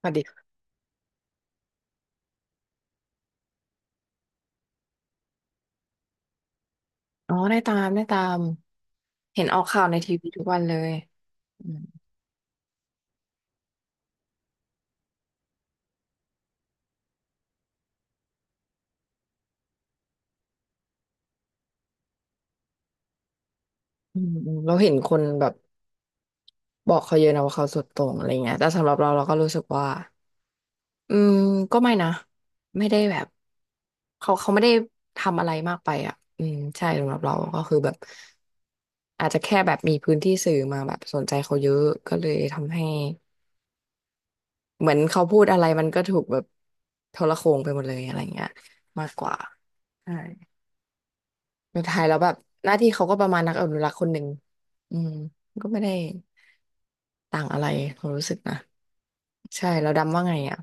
สวัสดีค่ะอ๋อได้ตามได้ตามเห็นออกข่าวในทีวีทุกวันเลยอืมอืมอืมเราเห็นคนแบบ บอกเขาเยอะนะว่าเขาสุดโต่งอะไรเงี้ยแต่สำหรับเราเราก็รู้สึกว่าอืมก็ไม่นะไม่ได้แบบเขาไม่ได้ทำอะไรมากไปอ่ะอืมใช่สำหรับเราก็คือแบบอาจจะแค่แบบมีพื้นที่สื่อมาแบบสนใจเขาเยอะก็เลยทำให้เหมือนเขาพูดอะไรมันก็ถูกแบบโทรโข่งไปหมดเลยอะไรเงี้ยมากกว่าใช่สุดท้ายแล้วแบบหน้าที่เขาก็ประมาณนักอนุรักษ์คนหนึ่งอืมก็ไม่ได้ต่างอะไรความรู้สึกนะใช่แล้วดำว่าไงอ่ะ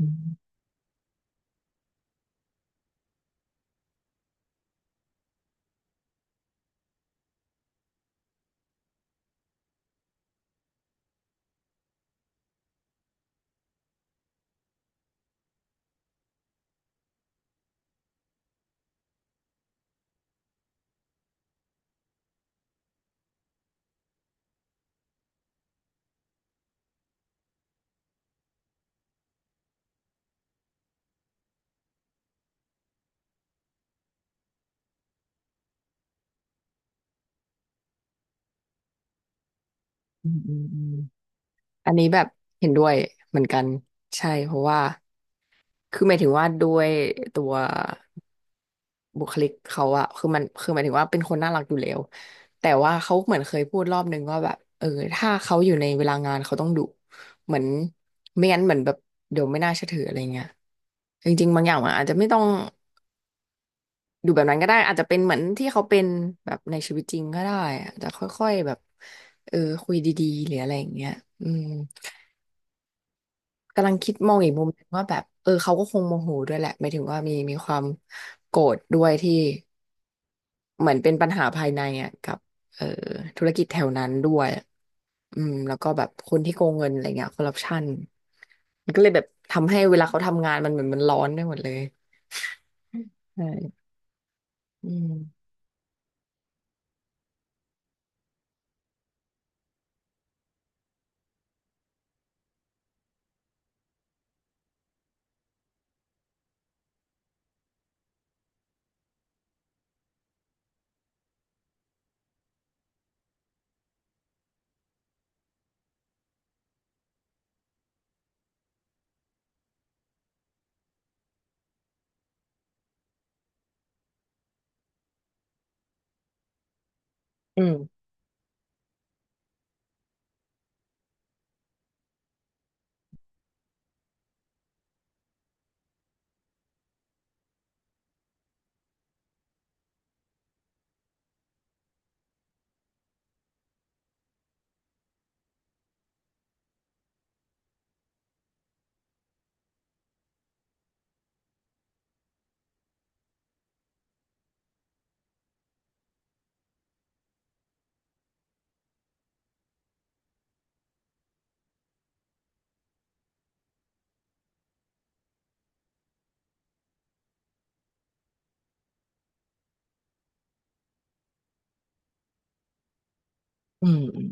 อืมอืมอืมอืมอันนี้แบบเห็นด้วยเหมือนกันใช่เพราะว่าคือหมายถึงว่าด้วยตัวบุคลิกเขาอะคือมันคือหมายถึงว่าเป็นคนน่ารักอยู่แล้วแต่ว่าเขาเหมือนเคยพูดรอบนึงว่าแบบเออถ้าเขาอยู่ในเวลางานเขาต้องดุเหมือนไม่งั้นเหมือนแบบเดี๋ยวไม่น่าเชื่อถืออะไรเงี้ยจริงๆบางอย่างมันอาจจะไม่ต้องดูแบบนั้นก็ได้อาจจะเป็นเหมือนที่เขาเป็นแบบในชีวิตจริงก็ได้อาจจะค่อยๆแบบเออคุยดีๆหรืออะไรอย่างเงี้ยอืม กำลังคิดมองอีกมุมหนึ่งว่าแบบเออเขาก็คงโมโหด้วยแหละหมายถึงว่ามีความโกรธด้วยที่เหมือนเป็นปัญหาภายในอ่ะกับเออธุรกิจแถวนั้นด้วยอืมแล้วก็แบบคนที่โกงเงินอะไรเงี้ยคอร์รัปชันมันก็เลยแบบทำให้เวลาเขาทำงานมันเหมือนมันร้อนไปหมดเลยใช่อืมอืมอืมอืม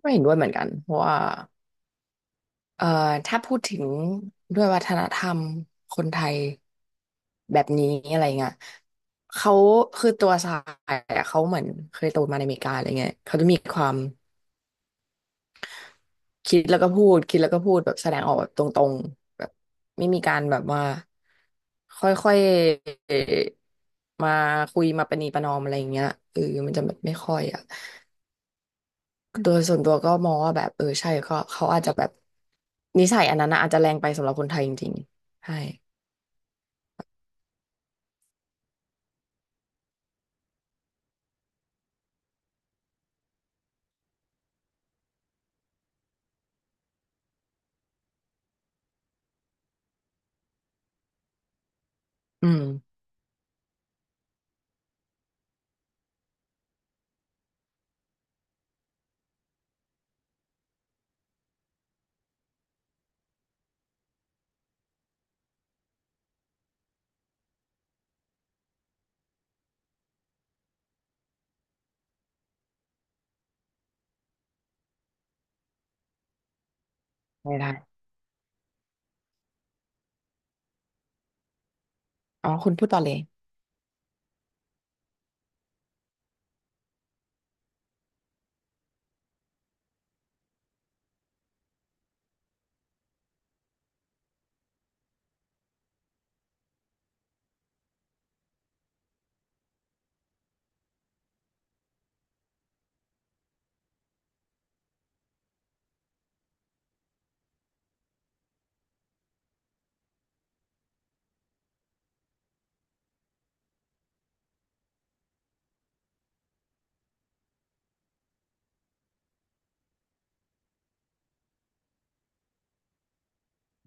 ไม่เห็นด้วยเหมือนกันเพราะว่า เอ่อถ้าพูดถึงด้วยวัฒนธรรมคนไทยแบบนี้อะไรเงี้ยเขาคือตัวสายอะเขาเหมือนเคยโตมาในอเมริกาอะไรเงี้ยเขาจะมีความคิดแล้วก็พูดแบบแสดงออกแบบตรงๆแบบไม่มีการแบบว่าค่อยๆมาคุยมาประนีประนอมอะไรเงี้ยเออมันจะแบบไม่ค่อยอะตัวส่วนตัวก็มองว่าแบบเออใช่ก็เขาอาจจะแบบนิสัยอันนั้นนะอาจจะแรงไปสำหรับคนไทยจริงๆใช่ อืมไม่ได้อ๋อคุณพูดต่อเลย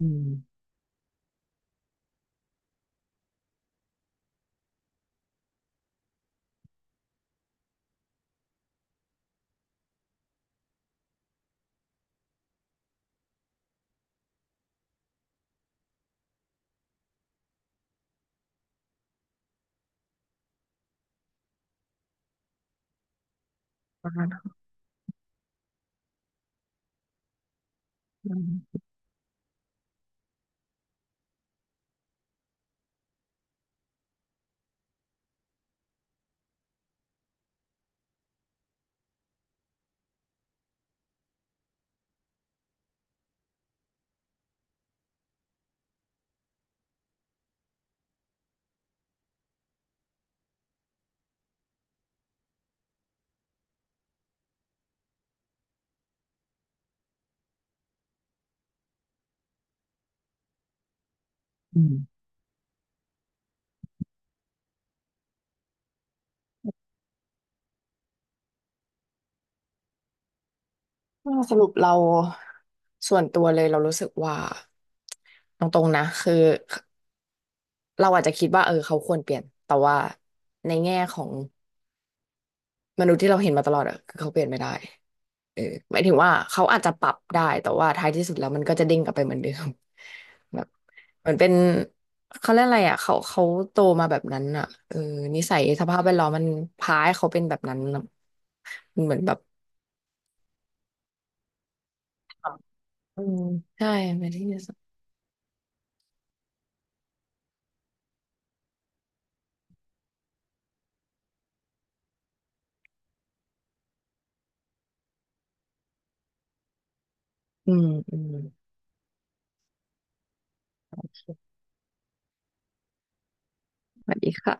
อืมประมาณนั้นอืมก็สรุปเราส่วนตัวเลยเรารู้สึกว่าตรงๆนะคือเราอาจจะคิดว่าเออเขาควรเปลี่ยนแต่ว่าในแง่ของมนุษย์ที่เราเห็นมาตลอดอะคือเขาเปลี่ยนไม่ได้ เออหมายถึงว่าเขาอาจจะปรับได้แต่ว่าท้ายที่สุดแล้วมันก็จะเด้งกลับไปเหมือนเดิม แบบเหมือนเป็นเขาเรียกอะไรอ่ะเขาเขาโตมาแบบนั้นอ่ะเออนิสัยสภาพแวดล้อมมันพาให้เขาเป็นแบบนั้นอะมันเหมือนแบบอืมใช่ไม่ที่สัอืมอืมสวัสดีค่ะ